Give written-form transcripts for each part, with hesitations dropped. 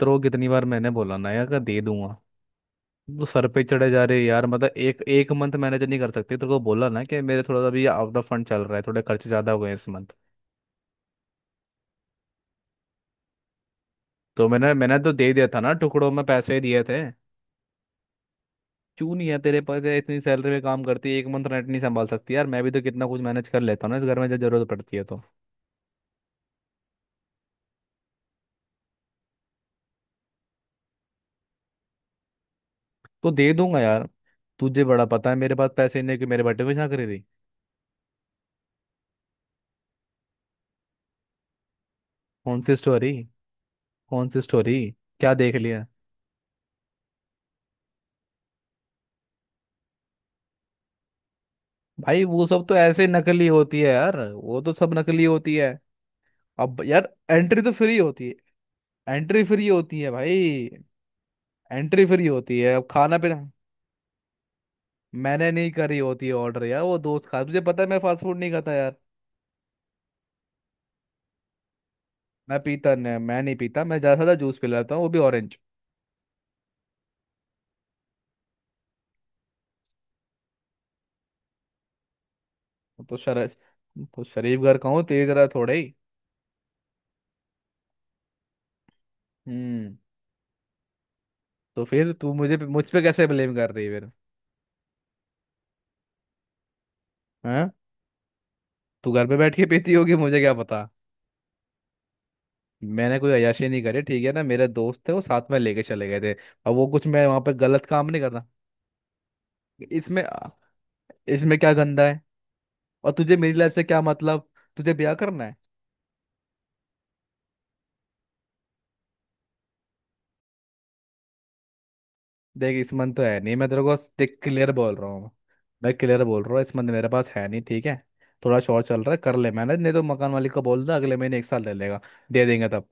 तो कितनी बार मैंने बोला ना, यार का दे दूंगा। तो सर पे चढ़े जा रहे यार, मतलब एक एक मंथ मैनेज नहीं कर सकते? तो तेरे को बोला ना कि मेरे थोड़ा सा भी आउट ऑफ फंड चल रहा है, थोड़े खर्चे ज्यादा हो गए इस मंथ। तो मैंने मैंने तो दे दिया था ना, टुकड़ों में पैसे दिए थे। क्यों नहीं है तेरे पास, है इतनी सैलरी में काम करती है, एक मंथ रेंट नहीं संभाल सकती? यार, मैं भी तो कितना कुछ मैनेज कर लेता हूँ ना इस घर में, जब जरूरत पड़ती है तो। तो दे दूंगा यार। तुझे बड़ा पता है मेरे पास पैसे नहीं है, कि मेरे बर्थडे पे यहाँ करी रही। कौन सी स्टोरी? कौन सी स्टोरी? क्या देख लिया? भाई वो सब तो ऐसे नकली होती है यार, वो तो सब नकली होती है। अब यार एंट्री तो फ्री होती है। एंट्री फ्री होती है भाई। एंट्री फ्री होती है, अब खाना पीना। मैंने नहीं करी होती है ऑर्डर यार, वो दोस्त खा, तुझे पता है मैं फास्ट फूड नहीं खाता यार। मैं पीता नहीं, मैं नहीं पीता, मैं ज़्यादा से ज़्यादा जूस पी लेता हूँ, वो भी ऑरेंज। तो शर तो शरीफ घर का हूँ, तेरी तरह थोड़े ही। हम्म। तो फिर तू मुझ पे कैसे ब्लेम कर रही है फिर? हैं? तू घर पे बैठ के पीती होगी, मुझे क्या पता। मैंने कोई अय्याशी नहीं करी, ठीक है ना? मेरे दोस्त थे, वो साथ में लेके चले गए थे। अब वो कुछ, मैं वहां पे गलत काम नहीं करता। इसमें, इसमें क्या गंदा है? और तुझे मेरी लाइफ से क्या मतलब, तुझे ब्याह करना है? देख, इस मन तो है नहीं, मैं तेरे को देख क्लियर बोल रहा हूँ। मैं क्लियर बोल रहा हूँ, इस मन मेरे पास है नहीं, ठीक है? थोड़ा शॉर्ट चल रहा है, कर ले, मैंने नहीं, तो मकान मालिक को बोल दे अगले महीने एक साल ले लेगा, दे देंगे तब।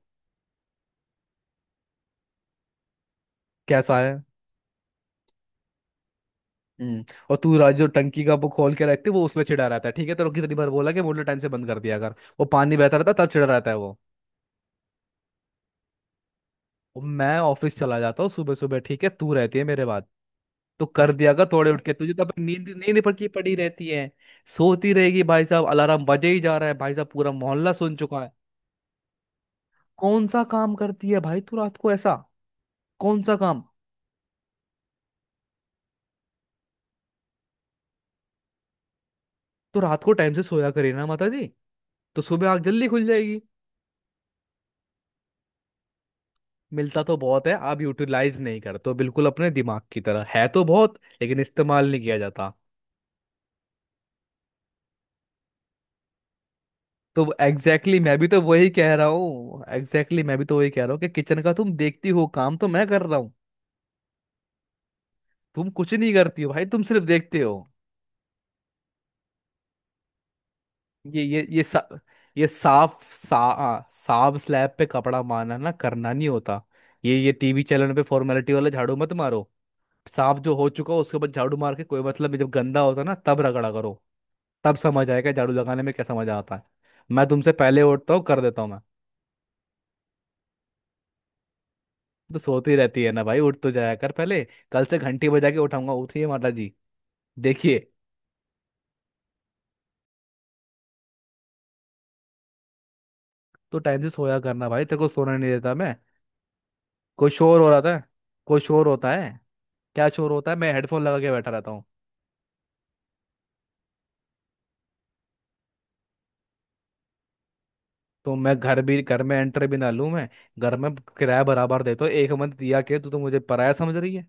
कैसा है? हम्म। और तू राज जो टंकी का वो खोल के रखते वो उसमें चिढ़ा रहता है, ठीक है? तेरे को कितनी बार बोला कि मोटर टाइम से बंद कर दिया अगर, वो पानी बहता रहता है, तब चिढ़ा रहता है वो। और मैं ऑफिस चला जाता हूँ सुबह सुबह, ठीक है? तू रहती है मेरे बाद। तो कर दिया कर थोड़े उठ के, तुझे तो अपनी नींद नींद पड़की पड़ी रहती है। सोती रहेगी भाई साहब, अलार्म बजे ही जा रहा है भाई साहब, पूरा मोहल्ला सुन चुका है। कौन सा काम करती है भाई तू रात को ऐसा? कौन सा काम? तो रात को टाइम से सोया करे ना माता जी, तो सुबह आंख जल्दी खुल जाएगी। मिलता तो बहुत है, आप यूटिलाइज नहीं करते हो, बिल्कुल अपने दिमाग की तरह, है तो बहुत लेकिन इस्तेमाल नहीं किया जाता। तो एग्जैक्टली exactly, मैं भी तो वही कह रहा हूँ, एग्जैक्टली exactly, मैं भी तो वही कह रहा हूँ कि किचन का तुम देखती हो, काम तो मैं कर रहा हूँ। तुम कुछ नहीं करती हो भाई, तुम सिर्फ देखते हो। ये सा, ये साफ सा आ, साफ स्लैब पे कपड़ा मारना ना, करना नहीं होता। ये टीवी चैनल पे फॉर्मेलिटी वाला झाड़ू मत मारो। साफ जो हो चुका हो उसके बाद झाड़ू मार के कोई मतलब नहीं, जब गंदा होता ना तब रगड़ा करो। तब समझ आएगा झाड़ू लगाने में क्या समझ आता है। मैं तुमसे पहले उठता हूँ, कर देता हूँ मैं। तो सोती रहती है ना भाई, उठ तो जाया कर पहले। कल से घंटी बजा के उठाऊंगा, उठिए माता जी। देखिए, तो टाइम से सोया करना भाई, तेरे को सोने नहीं देता मैं? कोई शोर हो रहा था? कोई शोर होता है? क्या शोर होता है, मैं हेडफोन लगा के बैठा रहता हूँ। तो मैं घर भी, घर में एंटर भी ना लूँ मैं? घर में किराया बराबर देता हूँ, एक मंथ दिया के तू तो मुझे पराया समझ रही है।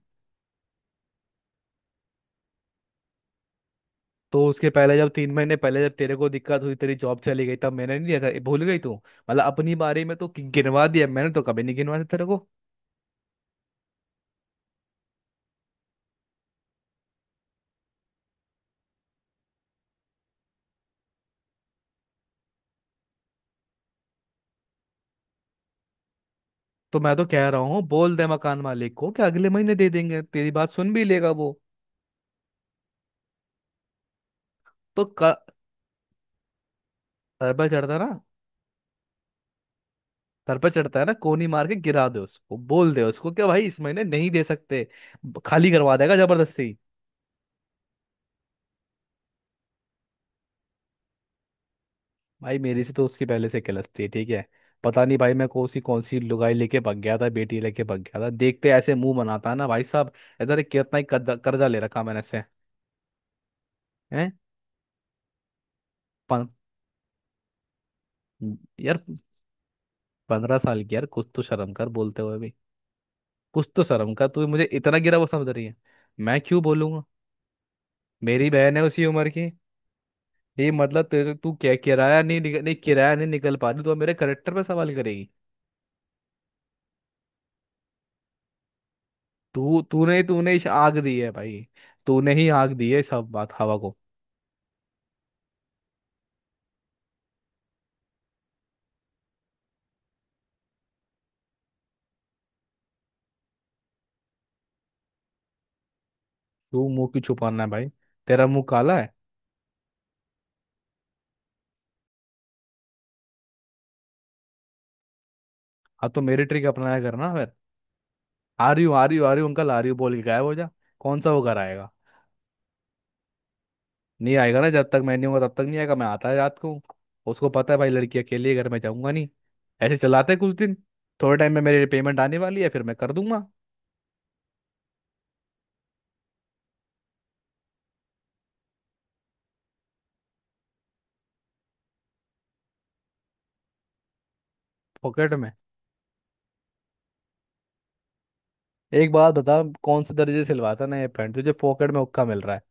तो उसके पहले जब 3 महीने पहले जब तेरे को दिक्कत हुई, तेरी जॉब चली गई, तब मैंने नहीं दिया था? ये भूल गई तू? मतलब अपनी बारे में तो गिनवा दिया, मैंने तो कभी नहीं गिनवा दिया तेरे को। तो मैं तो कह रहा हूँ बोल दे मकान मालिक को कि अगले महीने दे देंगे, तेरी बात सुन भी लेगा वो। तो क- सर पर चढ़ता ना, सर पर चढ़ता है ना, कोनी मार के गिरा दे उसको, बोल दे उसको कि भाई इस महीने नहीं दे सकते। खाली करवा देगा जबरदस्ती। भाई मेरी से तो उसकी पहले से कलस्ती है, ठीक है? पता नहीं भाई मैं कौन सी लुगाई लेके भाग गया था, बेटी लेके भाग गया था, देखते ऐसे मुंह बनाता है ना भाई साहब। इधर कितना ही कर्जा कर्जा ले रखा मैंने से। हैं? पं- यार 15 साल की यार, कुछ तो शर्म कर बोलते हुए भी। कुछ तो शर्म का, तू मुझे इतना गिरा वो समझ रही है? मैं क्यों बोलूंगा? मेरी बहन है उसी उम्र की। ये मतलब तेरे, तू क्या, किराया नहीं निकल पा रही तो अब मेरे करेक्टर पे सवाल करेगी? तू तूने तूने इस आग दी है भाई, तूने ही आग दी है सब बात हवा को। तू मुंह क्यों छुपाना है भाई, तेरा मुंह काला है? हाँ तो मेरी ट्रिक अपनाया करना फिर। आ रही हूँ आ रही हूँ आ रही हूँ अंकल, आ रही हूँ बोल के गायब हो जा। कौन सा वो घर आएगा? नहीं आएगा ना, जब तक मैं नहीं होगा तब तक नहीं आएगा, मैं आता है रात को। उसको पता है भाई लड़की अकेली है घर में, जाऊंगा नहीं। ऐसे चलाते हैं कुछ दिन। थोड़े टाइम में मेरी पेमेंट आने वाली है, फिर मैं कर दूंगा। पॉकेट में? एक बात बता, कौन से दर्जे से सिलवाता ना ये पैंट, तुझे पॉकेट में हुक्का मिल रहा है?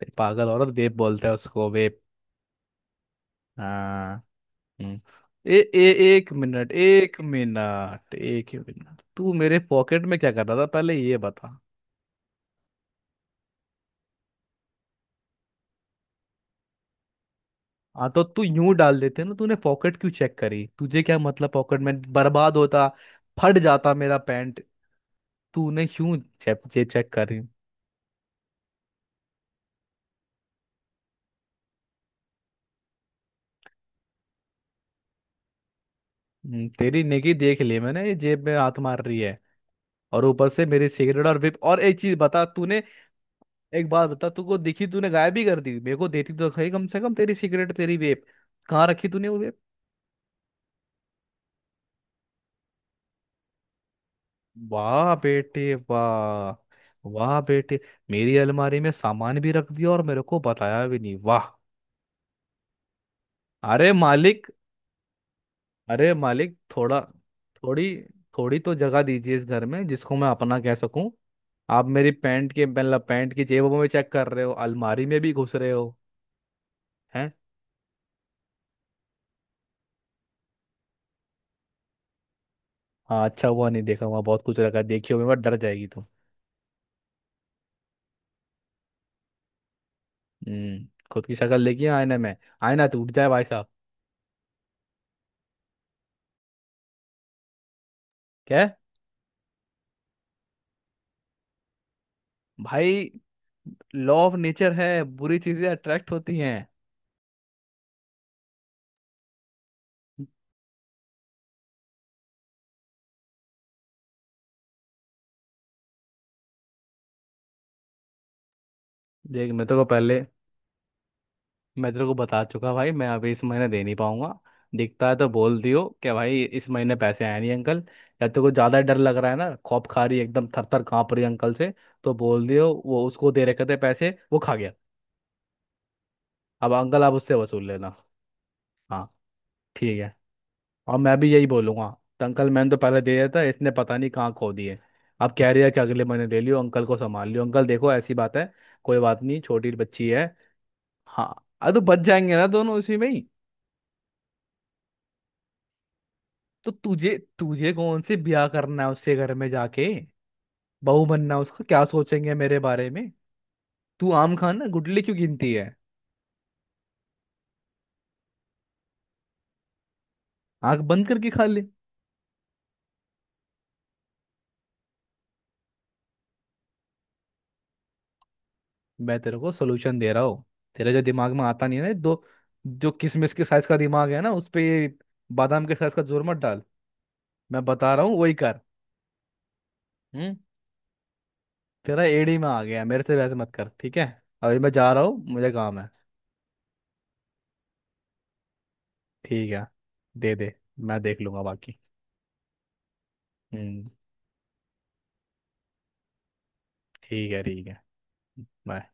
तेरी पागल औरत, वेप बोलता है उसको, वेप। हाँ। हम्म। ए, ए, एक ही मिनट, तू मेरे पॉकेट में क्या कर रहा था पहले ये बता। हाँ तो तू यूं डाल देते ना, तूने पॉकेट क्यों चेक करी? तुझे क्या मतलब, पॉकेट में बर्बाद होता, फट जाता मेरा पैंट। तूने क्यों चेक ये चेक करी? तेरी नेकी देख ली मैंने, ये जेब में हाथ मार रही है। और ऊपर से मेरी सिगरेट और विप, और एक चीज बता तूने, एक बात बता तूको दिखी, तूने गायब ही कर दी, मेरे को देती तो सही कम से कम, तेरी सिगरेट तेरी वेप। कहाँ रखी तूने वो वेप? वाह बेटे वाह। वाह बेटे। मेरी अलमारी में सामान भी रख दिया और मेरे को बताया भी नहीं, वाह। अरे मालिक। अरे मालिक थोड़ा थोड़ी, थोड़ी तो जगह दीजिए इस घर में जिसको मैं अपना कह सकूं। आप मेरी पैंट के, मतलब पैंट की जेबों में चेक कर रहे हो, अलमारी में भी घुस रहे हो? हैं? हाँ अच्छा हुआ नहीं देखा, वहाँ बहुत कुछ रखा है। देखी होगी मत, डर जाएगी तुम। हम्म। खुद की शक्ल देखी है आईने में? आईना टूट जाए भाई साहब। क्या? भाई, लॉ ऑफ नेचर है, बुरी चीजें अट्रैक्ट होती हैं। देख मैं तो को पहले, मैं तेरे को बता चुका भाई, मैं अभी इस महीने दे नहीं पाऊंगा। दिखता है तो बोल दियो कि भाई इस महीने पैसे आए नहीं अंकल। या तेरे को ज़्यादा डर लग रहा है ना, खौफ खा रही है, एकदम थर थर काँप रही है अंकल से, तो बोल दियो वो उसको दे रखे थे पैसे, वो खा गया। अब अंकल आप उससे वसूल लेना। हाँ ठीक है, और मैं भी यही बोलूंगा, तो अंकल मैंने तो पहले दे दिया था, इसने पता नहीं कहाँ खो दिए। अब कह रही है कि अगले महीने ले लियो अंकल, को संभाल लियो अंकल, देखो ऐसी बात है। कोई बात नहीं, छोटी बच्ची है। हाँ अरे तो बच जाएंगे ना दोनों उसी में ही। तो तुझे तुझे कौन से ब्याह करना है उसके घर में जाके, बहू बनना है उसका, क्या सोचेंगे मेरे बारे में? तू आम खाना गुटली क्यों गिनती है? आंख बंद करके खा ले। मैं तेरे को सोल्यूशन दे रहा हूँ, तेरे जो दिमाग में आता नहीं है ना दो, जो किशमिश के साइज का दिमाग है ना उस पे ये बादाम के साइज का जोर मत डाल। मैं बता रहा हूँ वही कर। हम्म। तेरा एड़ी में आ गया, मेरे से वैसे मत कर, ठीक है? अभी मैं जा रहा हूँ, मुझे काम है। ठीक है दे दे, मैं देख लूंगा बाकी। हम्म। ठीक है ठीक है। बाय।